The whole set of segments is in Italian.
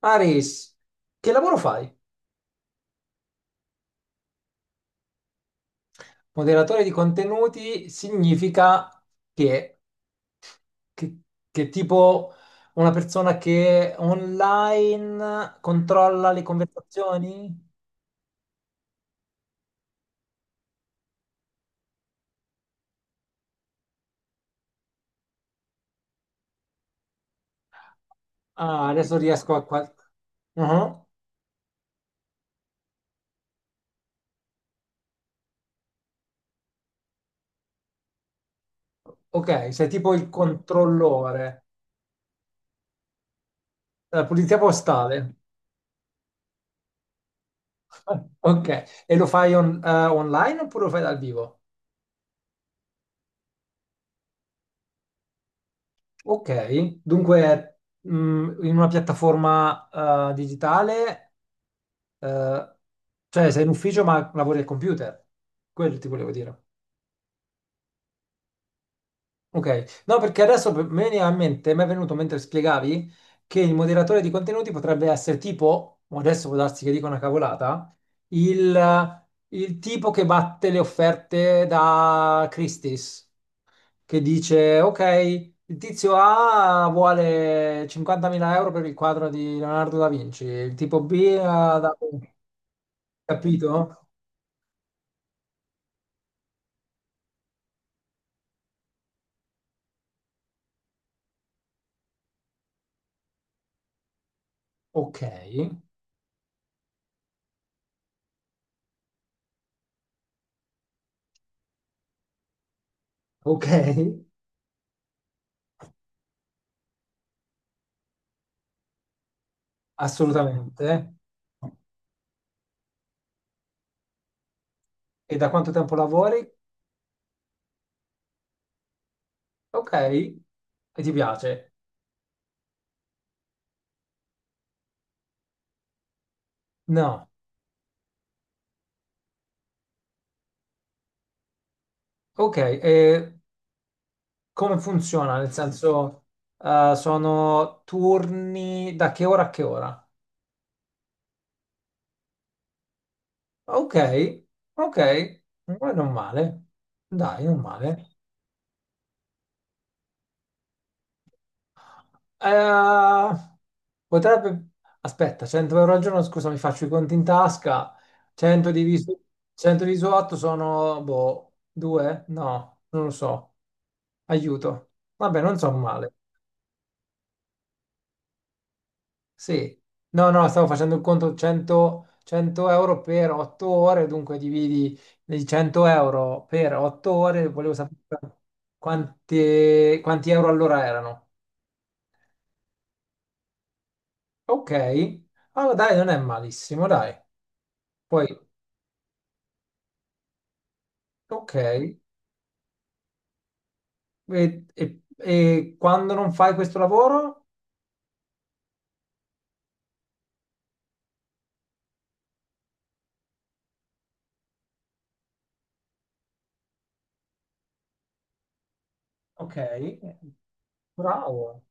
Aris, che lavoro fai? Moderatore di contenuti significa che, che, che tipo una persona che online controlla le conversazioni? Ah, adesso riesco a... Mhm. Ok, sei tipo il controllore, la pulizia postale. Ok, e lo fai online oppure lo fai dal vivo? Ok, dunque in una piattaforma digitale. Eh, cioè, sei in ufficio ma lavori al computer. Quello ti volevo dire. Ok. No, perché adesso me ne ha in mente, mi è venuto mentre spiegavi che il moderatore di contenuti potrebbe essere tipo, o adesso può darsi che dica una cavolata, il, il tipo che batte le offerte da Christie's, che dice, ok, il tizio A vuole 50.000 euro per il quadro di Leonardo da Vinci, il tipo B ha dato... Capito? Ok. Ok, assolutamente. E da quanto tempo lavori? Ok, e ti piace? No. Ok, e come funziona? Nel senso, sono turni da che ora a che ora? Ok, ok. Ma non male. Dai, non male. Eh, Potrebbe... Aspetta, 100 euro al giorno, scusa, mi faccio i conti in tasca. 100 diviso, 100 diviso 8 sono, boh, 2? No, non lo so. Aiuto. Vabbè, non so male. Sì. No, no, stavo facendo il conto 100, 100 euro per 8 ore, dunque dividi i 100 euro per 8 ore, volevo sapere quanti euro all'ora erano. Ok. Allora, dai, non è malissimo, dai. Poi ok, e quando non fai questo lavoro? Ok, bravo.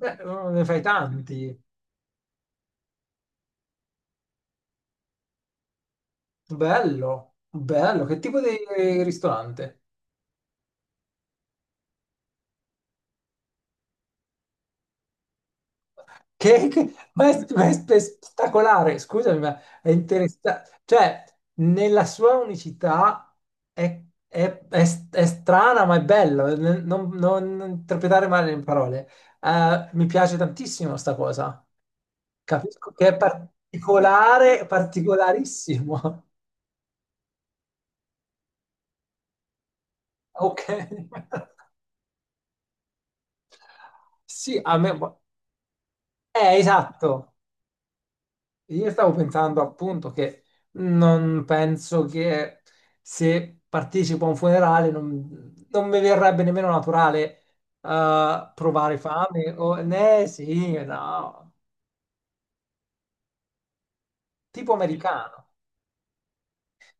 Beh, oh, ne fai tanti. Bello, bello. Che tipo di ristorante? Ma è spettacolare. Scusami, ma è interessante. Cioè, nella sua unicità è, è è strana, ma è bello. Non interpretare male le parole. Mi piace tantissimo sta cosa. Capisco che è particolare, particolarissimo. Ok. Sì, a me... esatto. Io stavo pensando appunto che non penso che se partecipo a un funerale non mi verrebbe nemmeno naturale provare fame. O... Eh sì, no. Tipo americano.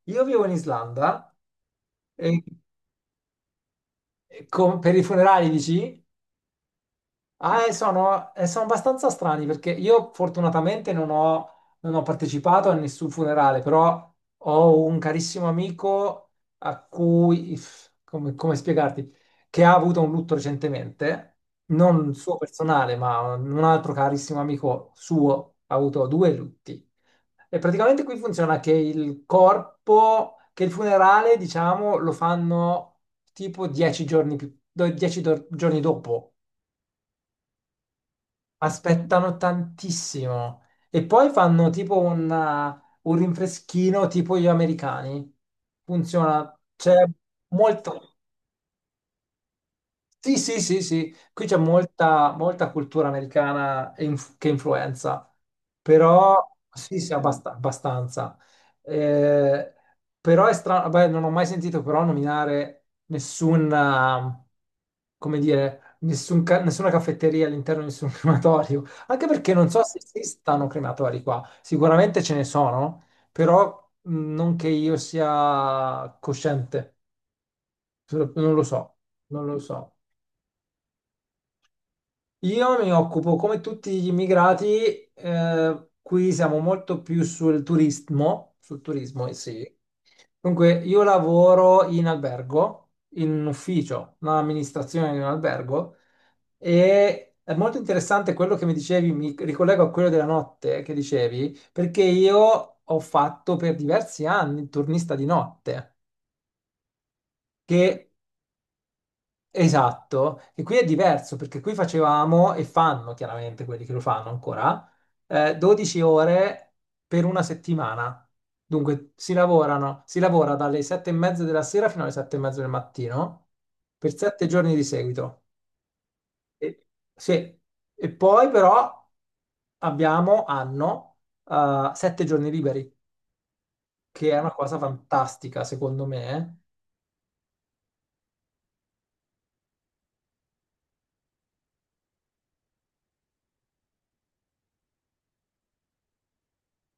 Io vivo in Islanda e, e per i funerali dici? Ah, sono, sono abbastanza strani perché io fortunatamente non ho partecipato a nessun funerale, però ho un carissimo amico a cui, come, come spiegarti, che ha avuto un lutto recentemente, non il suo personale, ma un altro carissimo amico suo ha avuto 2 lutti. E praticamente qui funziona che il corpo, che il funerale, diciamo, lo fanno tipo 10 giorni più, dieci giorni dopo. Aspettano tantissimo e poi fanno tipo un rinfreschino tipo gli americani. Funziona, c'è molto. Sì, sì, sì, sì, qui c'è molta cultura americana e che influenza, però sì, sì, abbastanza. Eh, però è strano, beh, non ho mai sentito però nominare come dire, nessun nessuna caffetteria all'interno di nessun crematorio, anche perché non so se esistano crematori qua, sicuramente ce ne sono, però non che io sia cosciente, non lo so, non lo so. Io mi occupo, come tutti gli immigrati, qui siamo molto più sul turismo, eh sì. Dunque, io lavoro in albergo, in un ufficio, un'amministrazione di un albergo, e è molto interessante quello che mi dicevi, mi ricollego a quello della notte che dicevi, perché io ho fatto per diversi anni il turnista di notte, che esatto, e qui è diverso perché qui facevamo e fanno chiaramente quelli che lo fanno ancora 12 ore per una settimana. Dunque si lavora dalle 7 e mezza della sera fino alle 7 e mezza del mattino per 7 giorni di seguito. E, sì. E poi però hanno 7 giorni liberi, che è una cosa fantastica secondo me.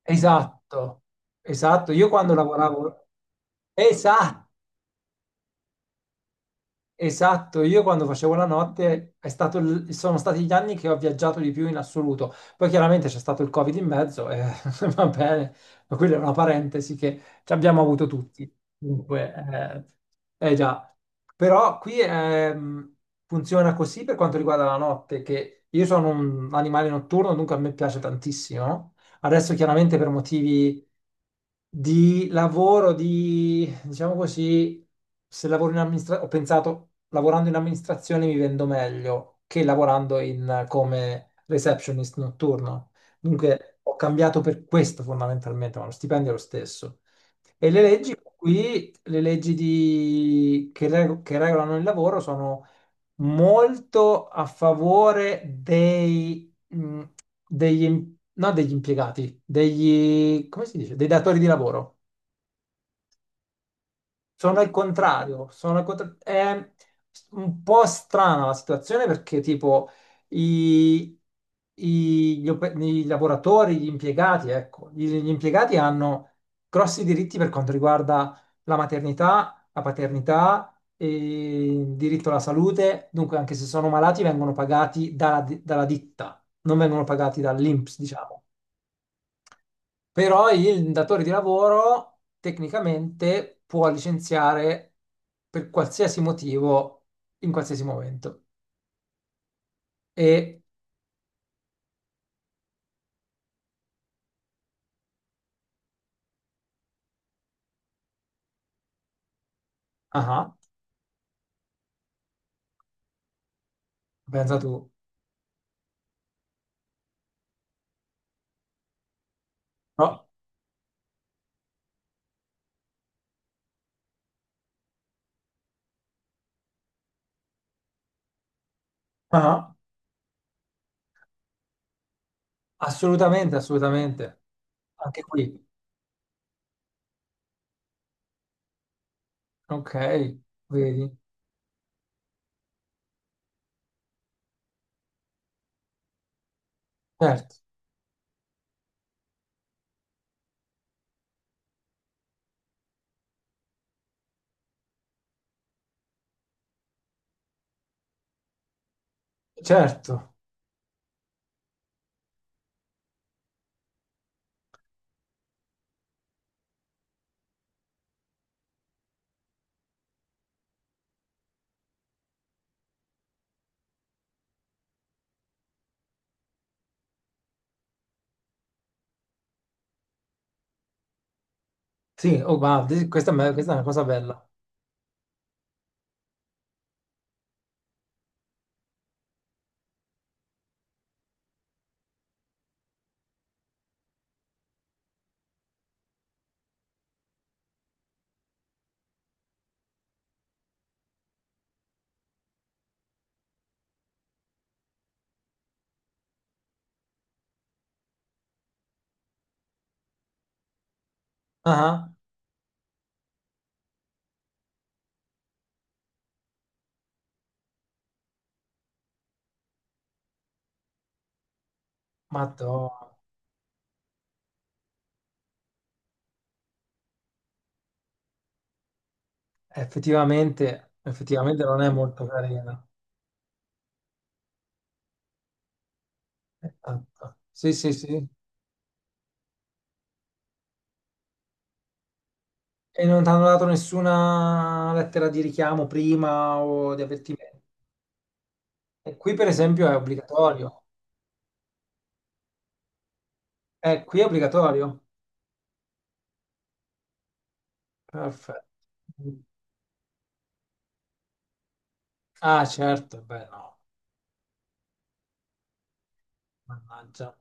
Esatto, esatto. Io quando lavoravo... Esatto. Esatto, io quando facevo la notte è stato sono stati gli anni che ho viaggiato di più in assoluto. Poi chiaramente c'è stato il Covid in mezzo e va bene, ma quella è una parentesi che ci abbiamo avuto tutti. Dunque, già, però qui funziona così per quanto riguarda la notte, che io sono un animale notturno, dunque a me piace tantissimo. Adesso chiaramente per motivi di lavoro, di diciamo così, se lavoro in amministrazione, ho pensato, lavorando in amministrazione mi vendo meglio che lavorando come receptionist notturno. Dunque ho cambiato per questo fondamentalmente, ma lo stipendio è lo stesso. E le leggi qui, le leggi che regolano il lavoro sono molto a favore dei, degli, im- no, degli impiegati, degli, come si dice, dei datori di lavoro. Sono al contrario, sono al è un po' strana la situazione perché tipo i, i lavoratori, gli impiegati, ecco, gli impiegati hanno grossi diritti per quanto riguarda la maternità, la paternità, e il diritto alla salute, dunque anche se sono malati vengono pagati dalla ditta, non vengono pagati dall'INPS, diciamo. Però il datore di lavoro tecnicamente può licenziare per qualsiasi motivo in qualsiasi momento. E, ah, pensa tu, no, ah, assolutamente, assolutamente, anche qui, ok, vedi, certo, certo, sì, oh, ma questa, è questa è una cosa bella, ah, madonna, effettivamente, effettivamente non è molto carina, esatto. Sì, sì, sì. E non ti hanno dato nessuna lettera di richiamo prima o di avvertimento. E qui, per esempio, è obbligatorio. Qui è obbligatorio. Perfetto. Ah, certo, beh, no. Mannaggia.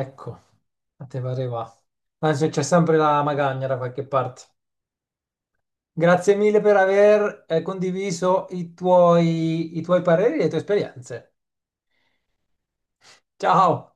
Ecco, a te pare va. Ma c'è sempre la magagna da qualche parte. Grazie mille per aver condiviso i tuoi pareri e le tue esperienze. Ciao!